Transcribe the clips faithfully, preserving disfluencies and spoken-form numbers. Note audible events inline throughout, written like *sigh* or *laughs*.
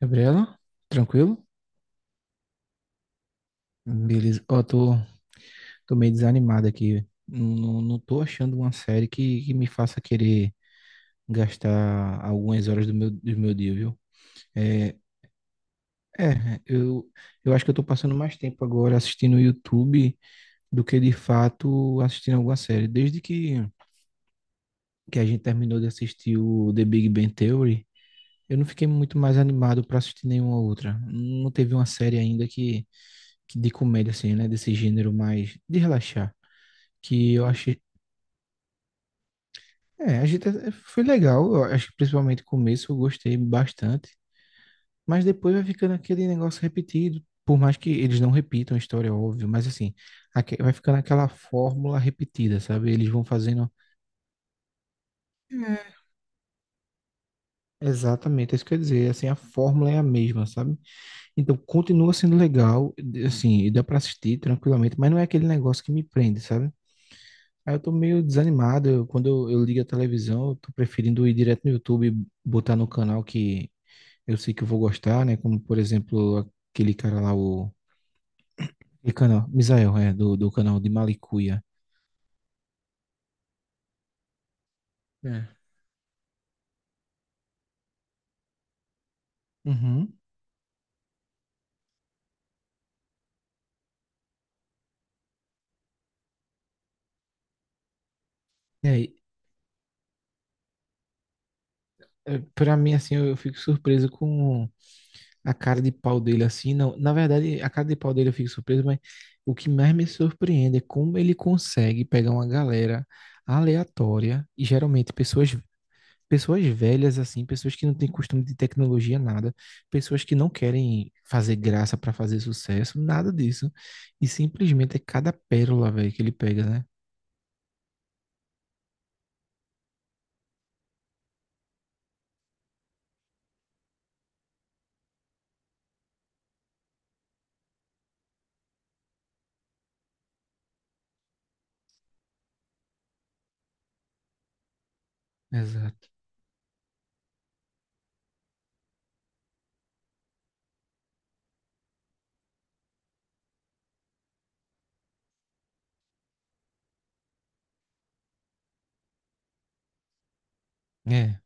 Gabriela, tranquilo? Beleza. Ó, tô, tô meio desanimado aqui. Não, não, não tô achando uma série que, que me faça querer gastar algumas horas do meu, do meu dia, viu? É, é eu, eu acho que eu tô passando mais tempo agora assistindo o YouTube do que de fato assistindo alguma série. Desde que, que a gente terminou de assistir o The Big Bang Theory, eu não fiquei muito mais animado pra assistir nenhuma outra. Não teve uma série ainda que, que de comédia, assim, né? Desse gênero mais de relaxar que eu achei. É, a gente até- foi legal. Eu acho que principalmente o começo eu gostei bastante. Mas depois vai ficando aquele negócio repetido. Por mais que eles não repitam a história, óbvio, mas assim, aque- vai ficando aquela fórmula repetida, sabe? Eles vão fazendo. Hum. Exatamente, é isso que eu ia dizer. Assim, a fórmula é a mesma, sabe? Então continua sendo legal, e, assim, e dá pra assistir tranquilamente, mas não é aquele negócio que me prende, sabe? Aí eu tô meio desanimado. eu- Quando eu, eu ligo a televisão, eu tô preferindo ir direto no YouTube, botar no canal que eu sei que eu vou gostar, né? Como, por exemplo, aquele cara lá, o, aquele canal, Misael, é, do, do canal de Malicuia. É. Uhum. E aí, é, pra mim, assim, eu, eu fico surpreso com a cara de pau dele, assim, não, na verdade, a cara de pau dele eu fico surpreso, mas o que mais me surpreende é como ele consegue pegar uma galera aleatória, e geralmente pessoas. Pessoas velhas, assim, pessoas que não têm costume de tecnologia, nada, pessoas que não querem fazer graça pra fazer sucesso, nada disso. E simplesmente é cada pérola, velho, que ele pega, né? Exato. É,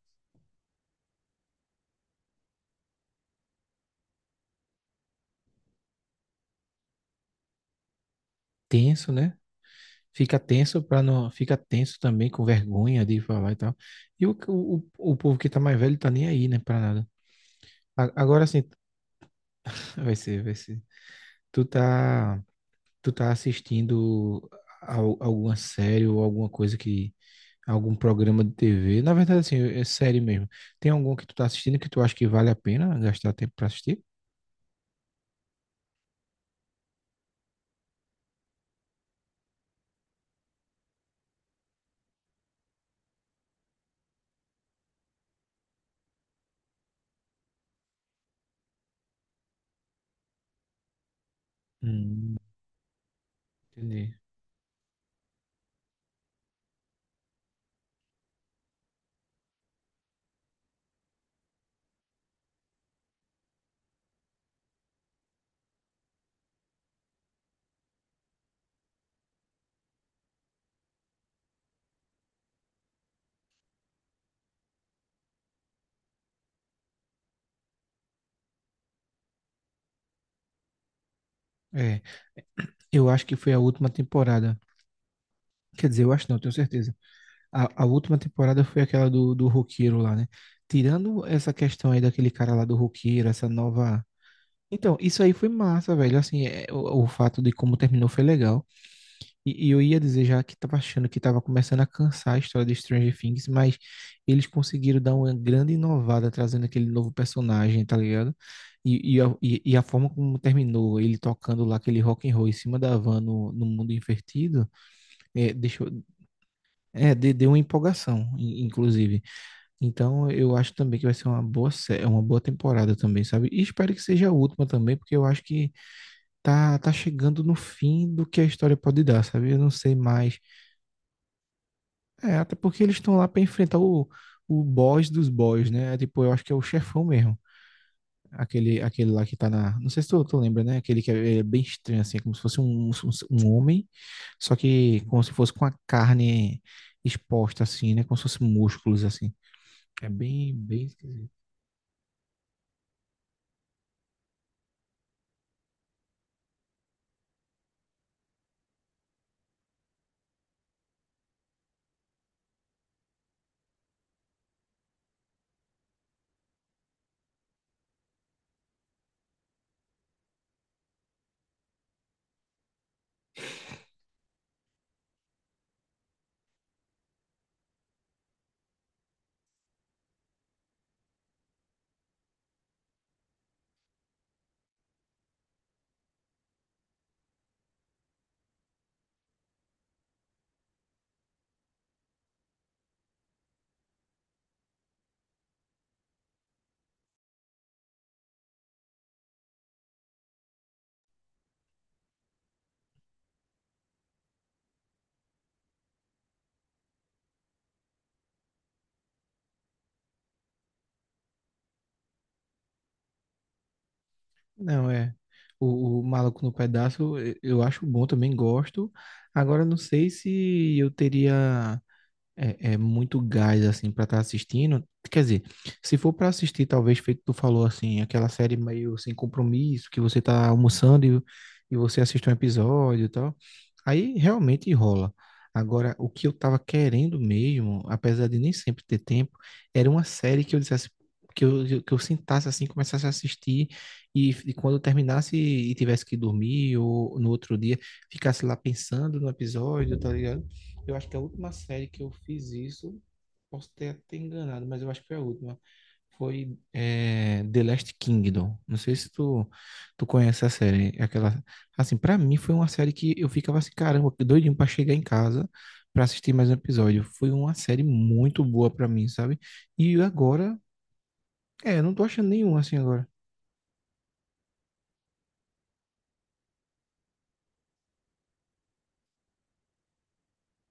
tenso, né? Fica tenso para não, fica tenso também com vergonha de falar e tal. E o, o, o povo que tá mais velho tá nem aí, né, pra nada. A- Agora assim *laughs* vai ser, vai ser. Tu tá tu tá assistindo al- alguma série ou alguma coisa que algum programa de T V? Na verdade, assim, é série mesmo. Tem algum que tu tá assistindo que tu acha que vale a pena gastar tempo pra assistir? Hum, entendi. É, eu acho que foi a última temporada. Quer dizer, eu acho não, tenho certeza. A, a última temporada foi aquela do, do roqueiro lá, né? Tirando essa questão aí daquele cara lá do roqueiro, essa nova. Então, isso aí foi massa, velho. Assim, é, o, o fato de como terminou foi legal. E, e eu ia dizer já que tava achando que tava começando a cansar a história de Stranger Things, mas eles conseguiram dar uma grande inovada trazendo aquele novo personagem, tá ligado? E, e, a, e- e a forma como terminou, ele tocando lá aquele rock and roll em cima da van no, no mundo invertido, é, deixa eu- é, de- deu uma empolgação, in- inclusive. Então, eu acho também que vai ser uma boa, sé- é uma boa temporada também, sabe? E espero que seja a última também, porque eu acho que tá, tá chegando no fim do que a história pode dar, sabe? Eu não sei mais. É, até porque eles estão lá para enfrentar o, o boss dos boss, né? É, tipo, eu acho que é o chefão mesmo. Aquele, aquele lá que tá na. Não sei se tu, tu lembra, né? Aquele que é, é bem estranho, assim, é como se fosse um, um, um homem, só que como se fosse com a carne exposta, assim, né? Como se fosse músculos, assim. É bem, bem esquisito. Não, é. O, o Maluco no Pedaço eu eu acho bom, também gosto. Agora, não sei se eu teria. É, é muito gás, assim, pra estar assistindo. Quer dizer, se for pra assistir, talvez, feito tu falou, assim, aquela série meio sem compromisso, que você tá almoçando e, e você assiste um episódio e tal, aí realmente rola. Agora, o que eu tava querendo mesmo, apesar de nem sempre ter tempo, era uma série que eu dissesse, que eu, que eu sentasse, assim, começasse a assistir e, e quando eu terminasse e tivesse que dormir ou no outro dia, ficasse lá pensando no episódio, tá ligado? Eu acho que a última série que eu fiz isso, posso ter até enganado, mas eu acho que foi a última. Foi é, The Last Kingdom. Não sei se tu, tu conhece a série. É aquela, assim, pra mim foi uma série que eu ficava assim, caramba, que doidinho pra chegar em casa pra assistir mais um episódio. Foi uma série muito boa pra mim, sabe? E agora, é, eu não tô achando nenhum assim agora.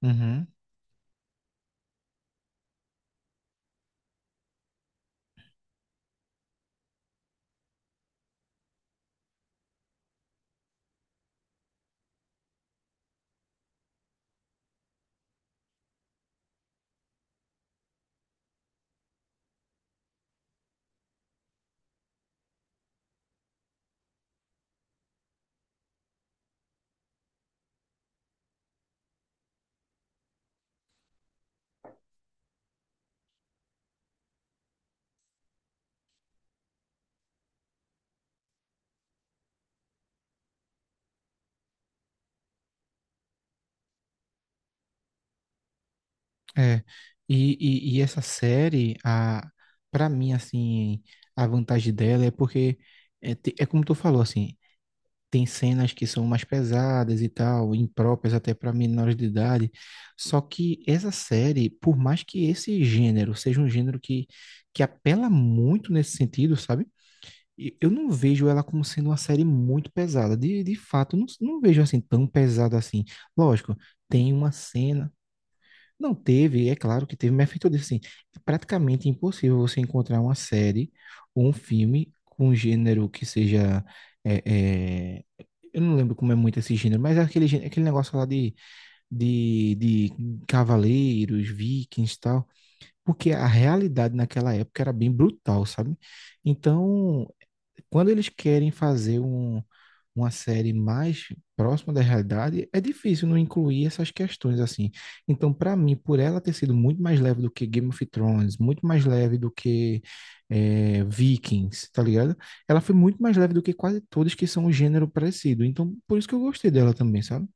Uhum. É, e, e, e essa série, a, pra mim, assim, a vantagem dela é porque, é, te- é como tu falou, assim, tem cenas que são mais pesadas e tal, impróprias até para menores de idade, só que essa série, por mais que esse gênero seja um gênero que, que apela muito nesse sentido, sabe? E eu não vejo ela como sendo uma série muito pesada, de, de fato, eu não, não vejo assim tão pesada assim. Lógico, tem uma cena. Não teve, é claro que teve, mas é feito disso assim. É praticamente impossível você encontrar uma série ou um filme com um gênero que seja. é, é, eu não lembro como é muito esse gênero, mas é aquele, gê- aquele negócio lá de, de, de cavaleiros, vikings e tal. Porque a realidade naquela época era bem brutal, sabe? Então, quando eles querem fazer um, uma série mais próxima da realidade, é difícil não incluir essas questões assim. Então, para mim, por ela ter sido muito mais leve do que Game of Thrones, muito mais leve do que eh, Vikings, tá ligado? Ela foi muito mais leve do que quase todas que são um gênero parecido. Então, por isso que eu gostei dela também, sabe?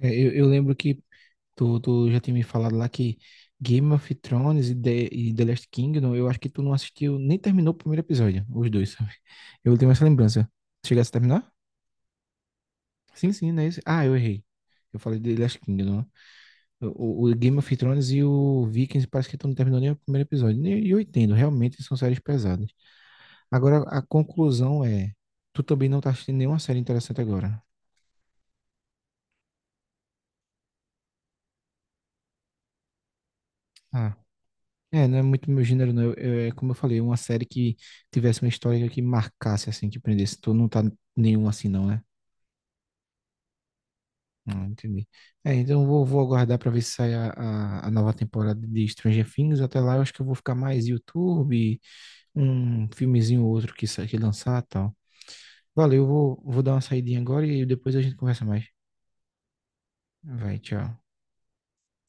É, Eu, eu lembro que Tu, tu já tinha me falado lá que Game of Thrones e The, e The Last Kingdom, eu acho que tu não assistiu, nem terminou o primeiro episódio, os dois, sabe? Eu tenho essa lembrança. Chegasse a terminar? Sim, sim, não é isso? Ah, eu errei. Eu falei The Last Kingdom, né? O, o- o Game of Thrones e o Vikings parece que tu não terminou nem o primeiro episódio. E eu entendo, realmente são séries pesadas. Agora, a conclusão é, tu também não tá assistindo nenhuma série interessante agora. Ah, é, não é muito meu gênero, não. Eu- eu- É, como eu falei, uma série que tivesse uma história que marcasse, assim, que prendesse. Tu não tá nenhum assim, não, né? Ah, entendi. É, então eu vou, vou aguardar pra ver se sai a, a, a nova temporada de Stranger Things. Até lá eu acho que eu vou ficar mais YouTube, um filmezinho ou outro que, sa- que lançar e tal. Valeu, eu vou, vou dar uma saidinha agora e depois a gente conversa mais. Vai, tchau.